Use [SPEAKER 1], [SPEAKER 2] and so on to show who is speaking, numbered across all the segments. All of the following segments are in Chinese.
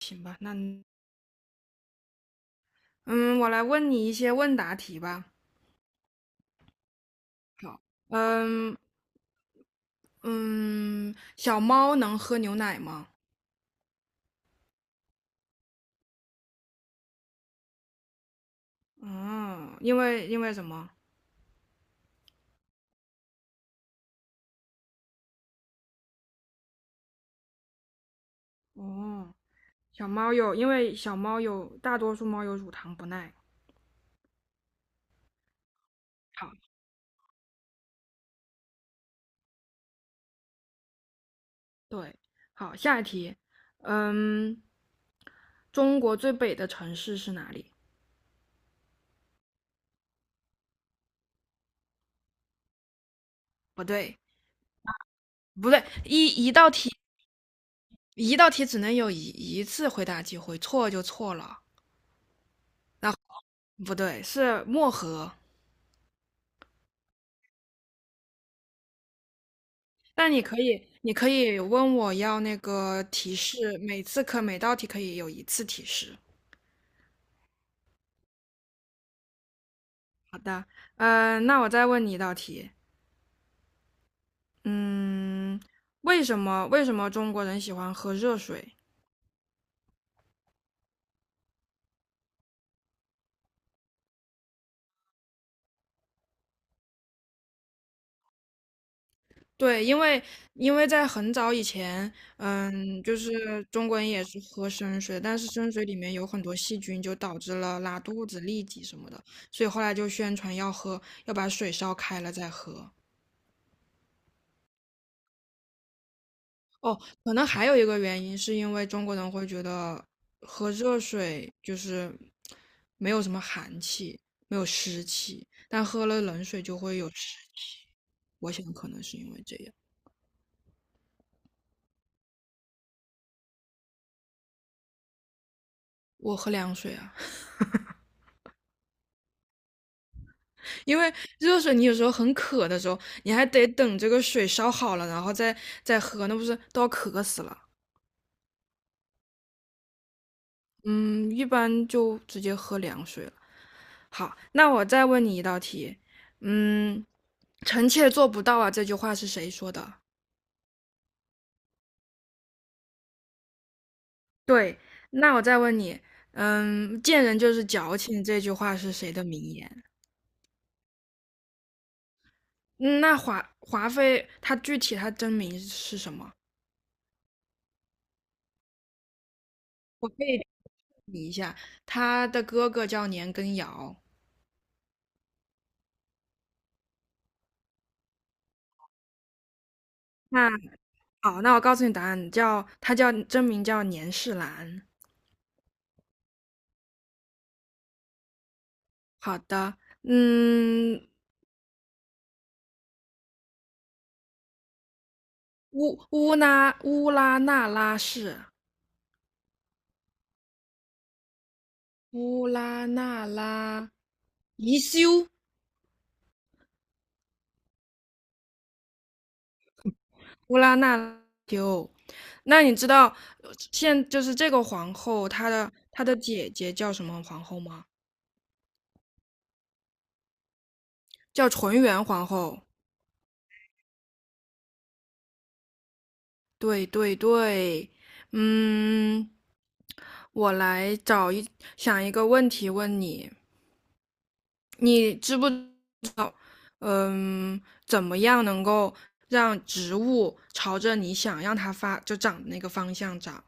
[SPEAKER 1] 行吧，那嗯，我来问你一些问答题吧。好，嗯嗯，小猫能喝牛奶吗？嗯，因为什么？哦，小猫有，因为小猫有，大多数猫有乳糖不耐。好，对，好，下一题。嗯，中国最北的城市是哪里？不对，不对，一道题只能有一次回答机会，错就错了。不对，是漠河。但你可以问我要那个提示，每道题可以有一次提示。好的，那我再问你一道题。嗯，为什么中国人喜欢喝热水？对，因为在很早以前，就是中国人也是喝生水，但是生水里面有很多细菌，就导致了拉肚子、痢疾什么的，所以后来就宣传要喝，要把水烧开了再喝。哦，可能还有一个原因，是因为中国人会觉得喝热水就是没有什么寒气，没有湿气，但喝了冷水就会有湿气。我想可能是因为这样。我喝凉水啊，因为热水你有时候很渴的时候，你还得等这个水烧好了，然后再喝，那不是都要渴死了。嗯，一般就直接喝凉水了。好，那我再问你一道题。嗯，臣妾做不到啊，这句话是谁说的？对，那我再问你。贱人就是矫情，这句话是谁的名言？嗯，那华妃她具体她真名是什么？我问你一下，她的哥哥叫年羹尧。那好，那我告诉你答案，叫她叫真名叫年世兰。好的。嗯，乌拉那拉氏。乌拉那拉宜修，乌拉那拉修。那你知道呃现就是这个皇后，她的姐姐叫什么皇后吗？叫纯元皇后。对对对。嗯，我来想一个问题问你。你知不嗯怎么样能够让植物朝着你想让它就长的那个方向长？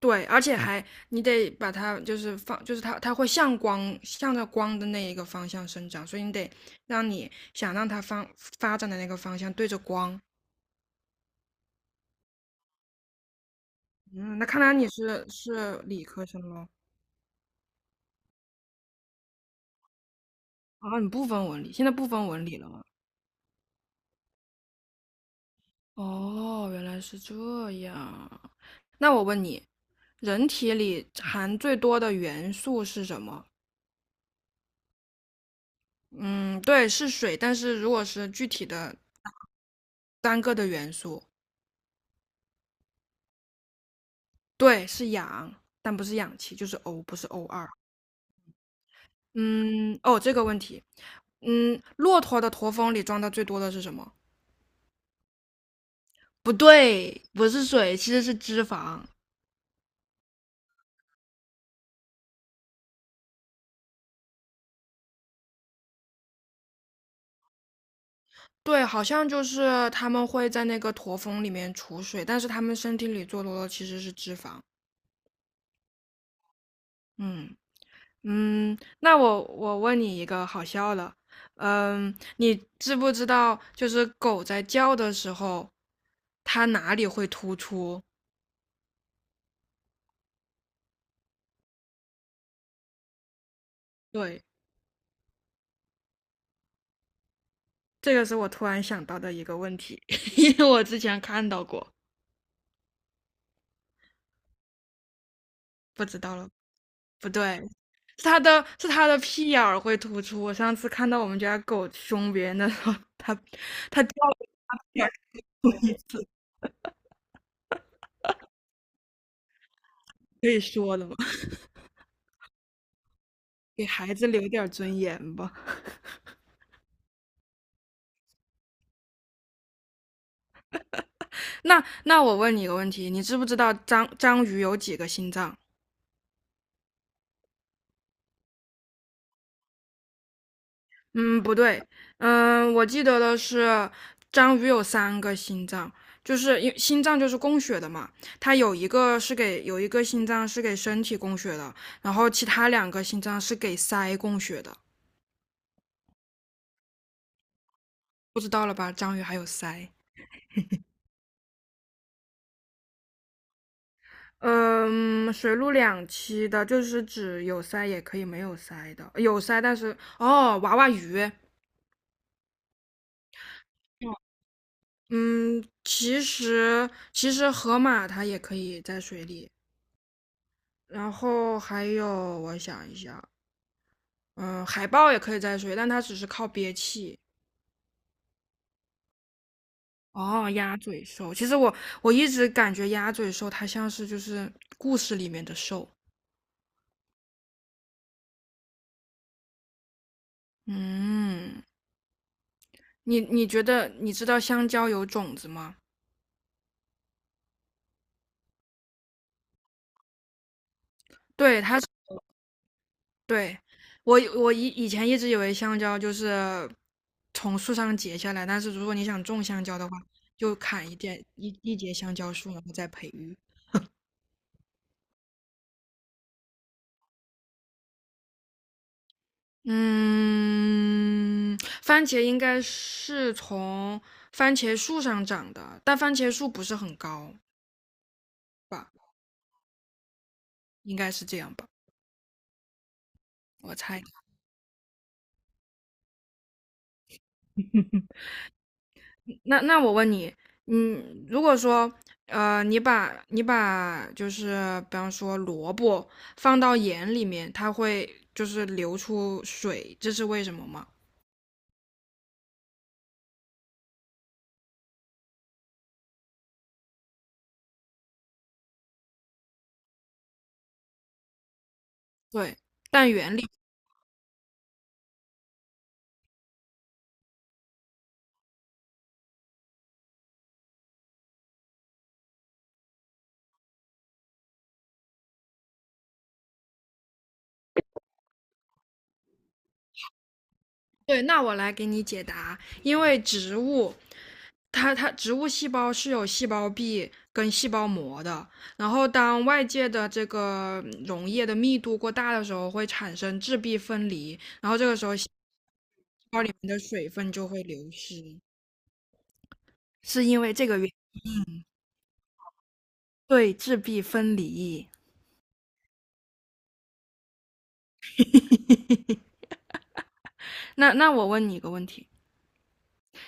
[SPEAKER 1] 对，而且还你得把它就是放，就是它会向着光的那一个方向生长，所以你得让你想让它发展的那个方向对着光。嗯，那看来你是理科生喽？啊，你不分文理，现在不分文理了吗？哦，原来是这样。那我问你，人体里含最多的元素是什么？嗯，对，是水，但是如果是具体的单个的元素，对，是氧，但不是氧气，就是 O，不是 O2。嗯，哦，这个问题。骆驼的驼峰里装的最多的是什么？不对，不是水，其实是脂肪。对，好像就是他们会在那个驼峰里面储水，但是他们身体里最多的其实是脂肪。嗯那我问你一个好笑的。你知不知道就是狗在叫的时候，它哪里会突出？对，这个是我突然想到的一个问题，因为我之前看到过。不知道了。不对，是他的屁眼儿会突出。我上次看到我们家狗凶别人的时候，他掉了一点儿东西。可以说的吗？给孩子留点儿尊严吧。那我问你一个问题。你知不知道章鱼有几个心脏？嗯，不对。我记得的是章鱼有3个心脏，就是心脏就是供血的嘛，它有一个心脏是给身体供血的，然后其他2个心脏是给鳃供血的。不知道了吧？章鱼还有鳃。嗯，水陆两栖的，就是指有鳃也可以没有鳃的，有鳃但是哦，娃娃鱼。嗯，其实河马它也可以在水里，然后还有我想一下。嗯，海豹也可以在水，但它只是靠憋气。哦，鸭嘴兽，其实我一直感觉鸭嘴兽它像是就是故事里面的兽。嗯，你觉得你知道香蕉有种子吗？对，对，我以前一直以为香蕉就是从树上结下来，但是如果你想种香蕉的话，就砍一点一一节香蕉树，然后再培育。嗯，番茄应该是从番茄树上长的，但番茄树不是很高，应该是这样吧，我猜。那我问你。如果说，你把就是比方说萝卜放到盐里面，它会就是流出水，这是为什么吗？对，但原理，对，那我来给你解答，因为植物细胞是有细胞壁跟细胞膜的，然后当外界的这个溶液的密度过大的时候，会产生质壁分离，你的水分就会流失，是因为这个原因。对，质壁分离。那我问你一个问题。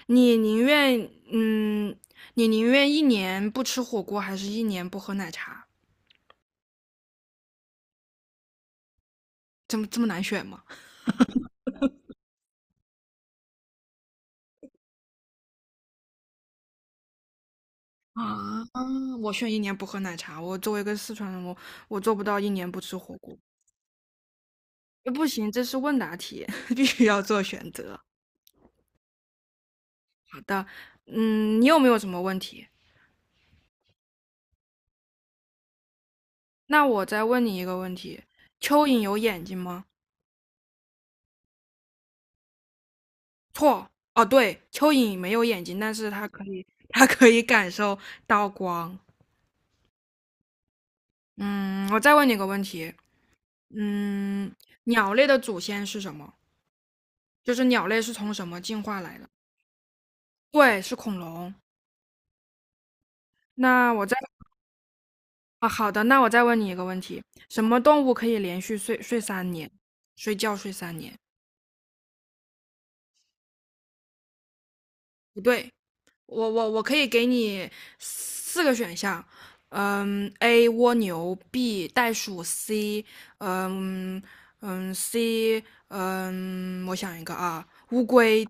[SPEAKER 1] 你宁愿嗯，你宁愿一年不吃火锅，还是一年不喝奶茶？这么难选吗？啊，我选一年不喝奶茶。我作为一个四川人，我做不到一年不吃火锅。不行，这是问答题，必须要做选择。好的。你有没有什么问题？那我再问你一个问题：蚯蚓有眼睛吗？错。哦，对，蚯蚓没有眼睛，但是它可以，它可以感受到光。嗯，我再问你个问题。嗯，鸟类的祖先是什么？就是鸟类是从什么进化来的？对，是恐龙。那我再啊，好的，那我再问你一个问题：什么动物可以连续睡三年，睡觉睡三年？不对，我可以给你4个选项。A 蜗牛，B 袋鼠，C 嗯我想一个啊，乌龟。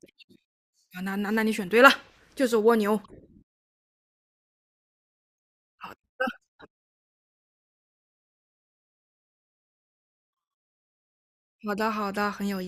[SPEAKER 1] 啊，那你选对了，就是蜗牛。好的好的，很有意。